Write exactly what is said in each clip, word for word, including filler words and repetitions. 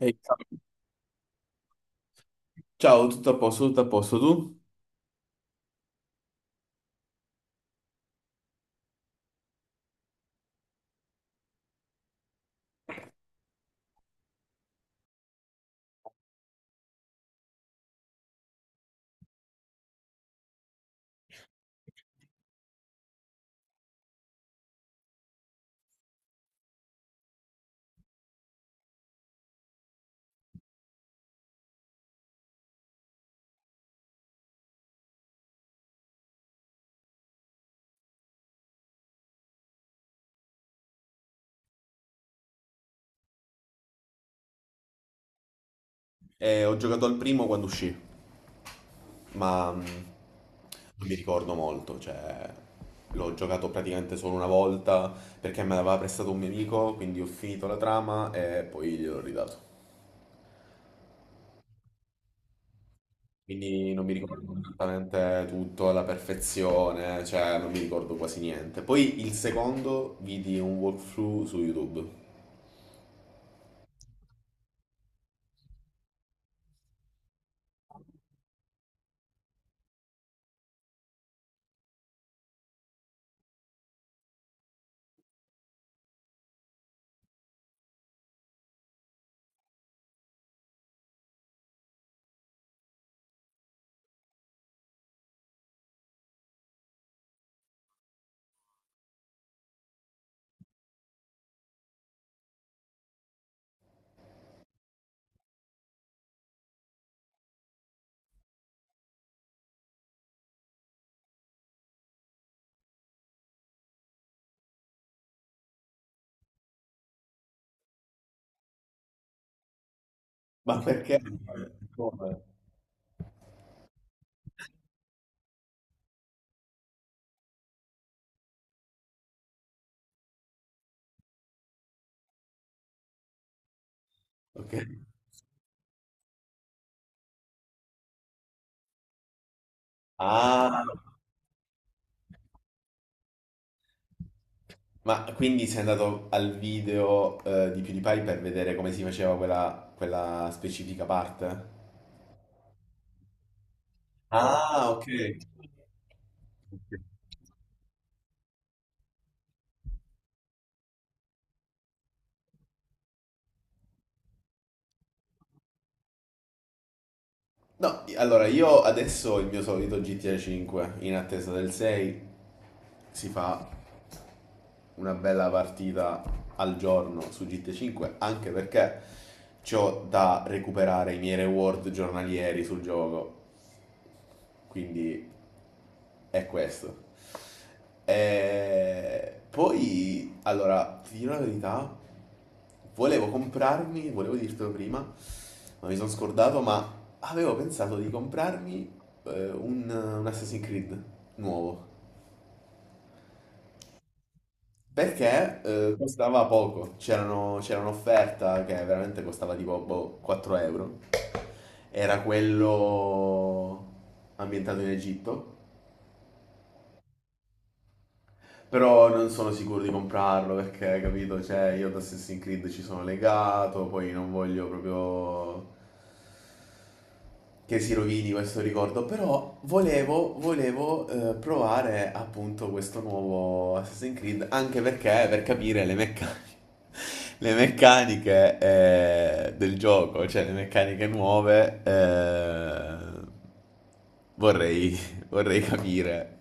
Ehi, ciao, tutto a posto, tutto a posto tu? Eh, ho giocato al primo quando uscì, ma mm, non mi ricordo molto, cioè l'ho giocato praticamente solo una volta perché me l'aveva prestato un mio amico, quindi ho finito la trama e poi gliel'ho ridato. Quindi non mi ricordo esattamente tutto alla perfezione, cioè non mi ricordo quasi niente. Poi il secondo vidi un walkthrough su YouTube. Ma perché? Come? Ok. Ah, ma quindi sei andato al video eh, di PewDiePie per vedere come si faceva quella, quella specifica parte? Ah, ok. No, allora io adesso ho il mio solito G T A cinque in attesa del sei. Si fa una bella partita al giorno su G T A cinque anche perché c'ho da recuperare i miei reward giornalieri sul gioco. Quindi è questo. Eh, poi, allora, ti dirò la verità, volevo comprarmi, volevo dirtelo prima, ma mi sono scordato, ma avevo pensato di comprarmi eh, un, un Assassin's Creed nuovo. Perché eh, costava poco, c'erano- c'era un'offerta che veramente costava tipo boh, quattro euro. Era quello ambientato in Egitto. Però non sono sicuro di comprarlo perché, capito, cioè io ad Assassin's Creed ci sono legato, poi non voglio proprio che si rovini questo ricordo, però volevo, volevo eh, provare appunto questo nuovo Assassin's Creed, anche perché per capire le meccaniche, le meccaniche eh, del gioco, cioè le meccaniche nuove, eh, vorrei, vorrei capire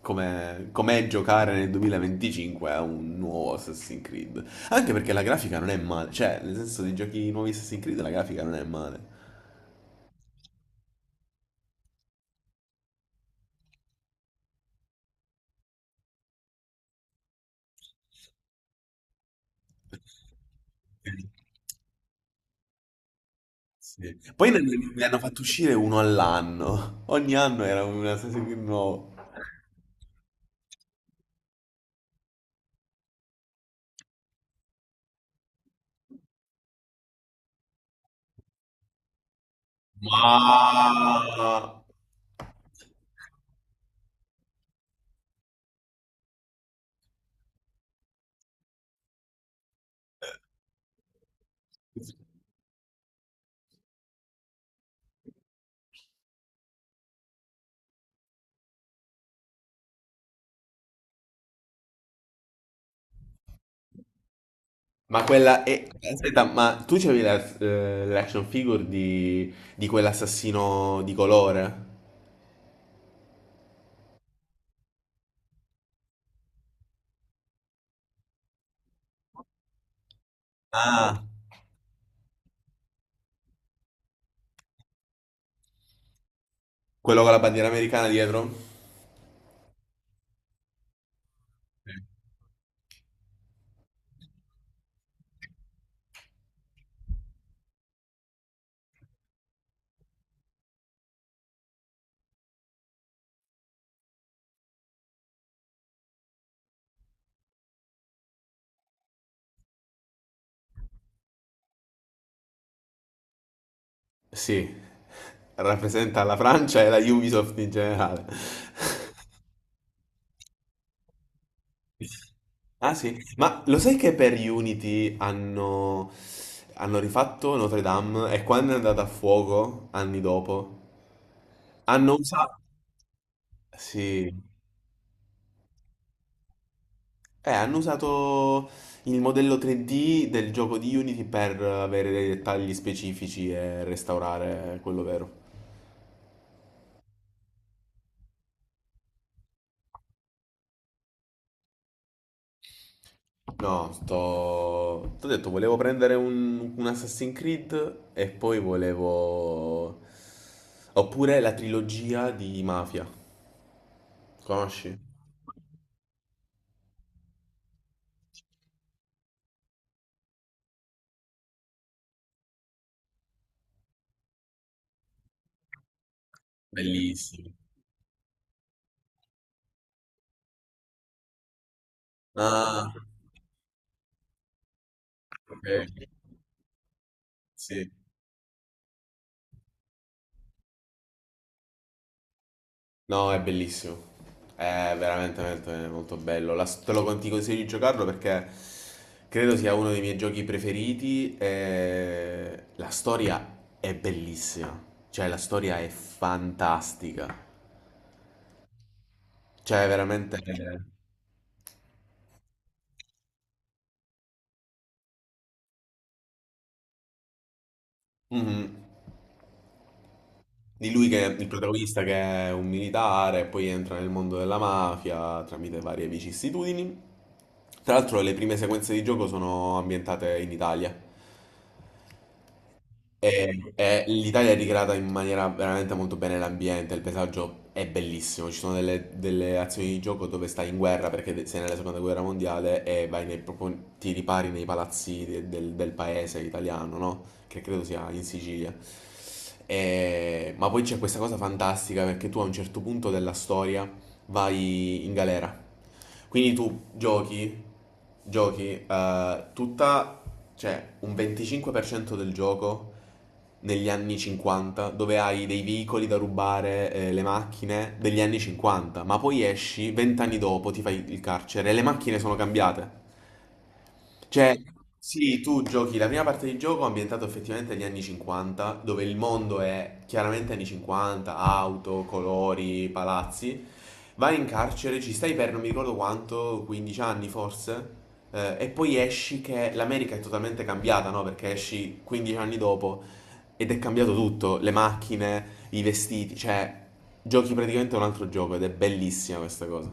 com'è, com'è giocare nel duemilaventicinque a un nuovo Assassin's Creed. Anche perché la grafica non è male, cioè nel senso di giochi nuovi Assassin's Creed la grafica non è male. Sì. Poi ne, ne hanno fatto uscire uno all'anno. Ogni anno era un Assassin's Creed nuovo. Ma, ma quella è... Aspetta, ma tu c'avevi la- eh, l'action figure di, di quell'assassino di colore? Ah. Quello con la bandiera americana dietro? Sì. Rappresenta la Francia e la Ubisoft in generale. Ah sì, ma lo sai che per Unity hanno, hanno rifatto Notre Dame e quando è andata a fuoco, anni dopo, hanno usato... Sì, eh, hanno usato il modello tre D del gioco di Unity per avere dei dettagli specifici e restaurare quello vero. No, sto... T'ho detto, volevo prendere un, un Assassin's Creed e poi volevo... Oppure la trilogia di Mafia. Conosci? Bellissimo. Ah, eh, sì. No, è bellissimo. È veramente, veramente molto bello. La- te lo con- ti consiglio di giocarlo perché credo sia uno dei miei giochi preferiti. E la storia è bellissima. Cioè, la storia è fantastica. Cioè, veramente. Eh. Mhm. Di lui che è il protagonista che è un militare, poi entra nel mondo della mafia tramite varie vicissitudini. Tra l'altro le prime sequenze di gioco sono ambientate in Italia. E- e l'Italia è ricreata in maniera veramente molto bene, l'ambiente, il paesaggio è bellissimo, ci sono delle, delle azioni di gioco dove stai in guerra perché sei nella seconda guerra mondiale e vai nei, proprio, ti ripari nei palazzi de- del, del paese italiano, no? Che credo sia in Sicilia. E- ma poi c'è questa cosa fantastica perché tu a un certo punto della storia vai in galera. Quindi tu giochi, giochi eh, tutta, cioè un venticinque per cento del gioco negli anni cinquanta, dove hai dei veicoli da rubare, eh, le macchine degli anni cinquanta, ma poi esci venti anni dopo, ti fai il carcere e le macchine sono cambiate. Cioè, sì, tu giochi la prima parte di gioco ambientato effettivamente agli anni cinquanta, dove il mondo è chiaramente anni cinquanta, auto, colori, palazzi. Vai in carcere, ci stai per non mi ricordo quanto, quindici anni forse, eh, e poi esci che l'America è totalmente cambiata, no? Perché esci quindici anni dopo ed è cambiato tutto, le macchine, i vestiti, cioè giochi praticamente un altro gioco ed è bellissima questa cosa.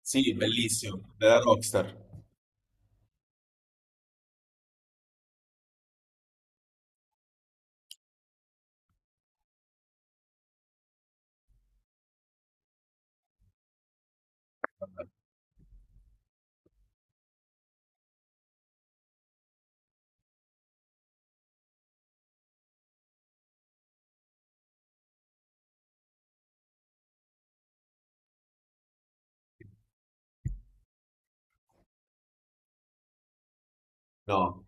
Sì, bellissimo, della Rockstar. No.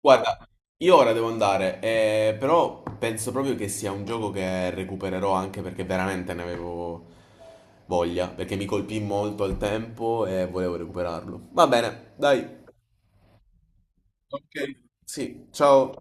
Guarda, io ora devo andare, eh, però penso proprio che sia un gioco che recupererò anche perché veramente ne avevo voglia, perché mi colpì molto al tempo e volevo recuperarlo. Va bene, dai, sì, ciao.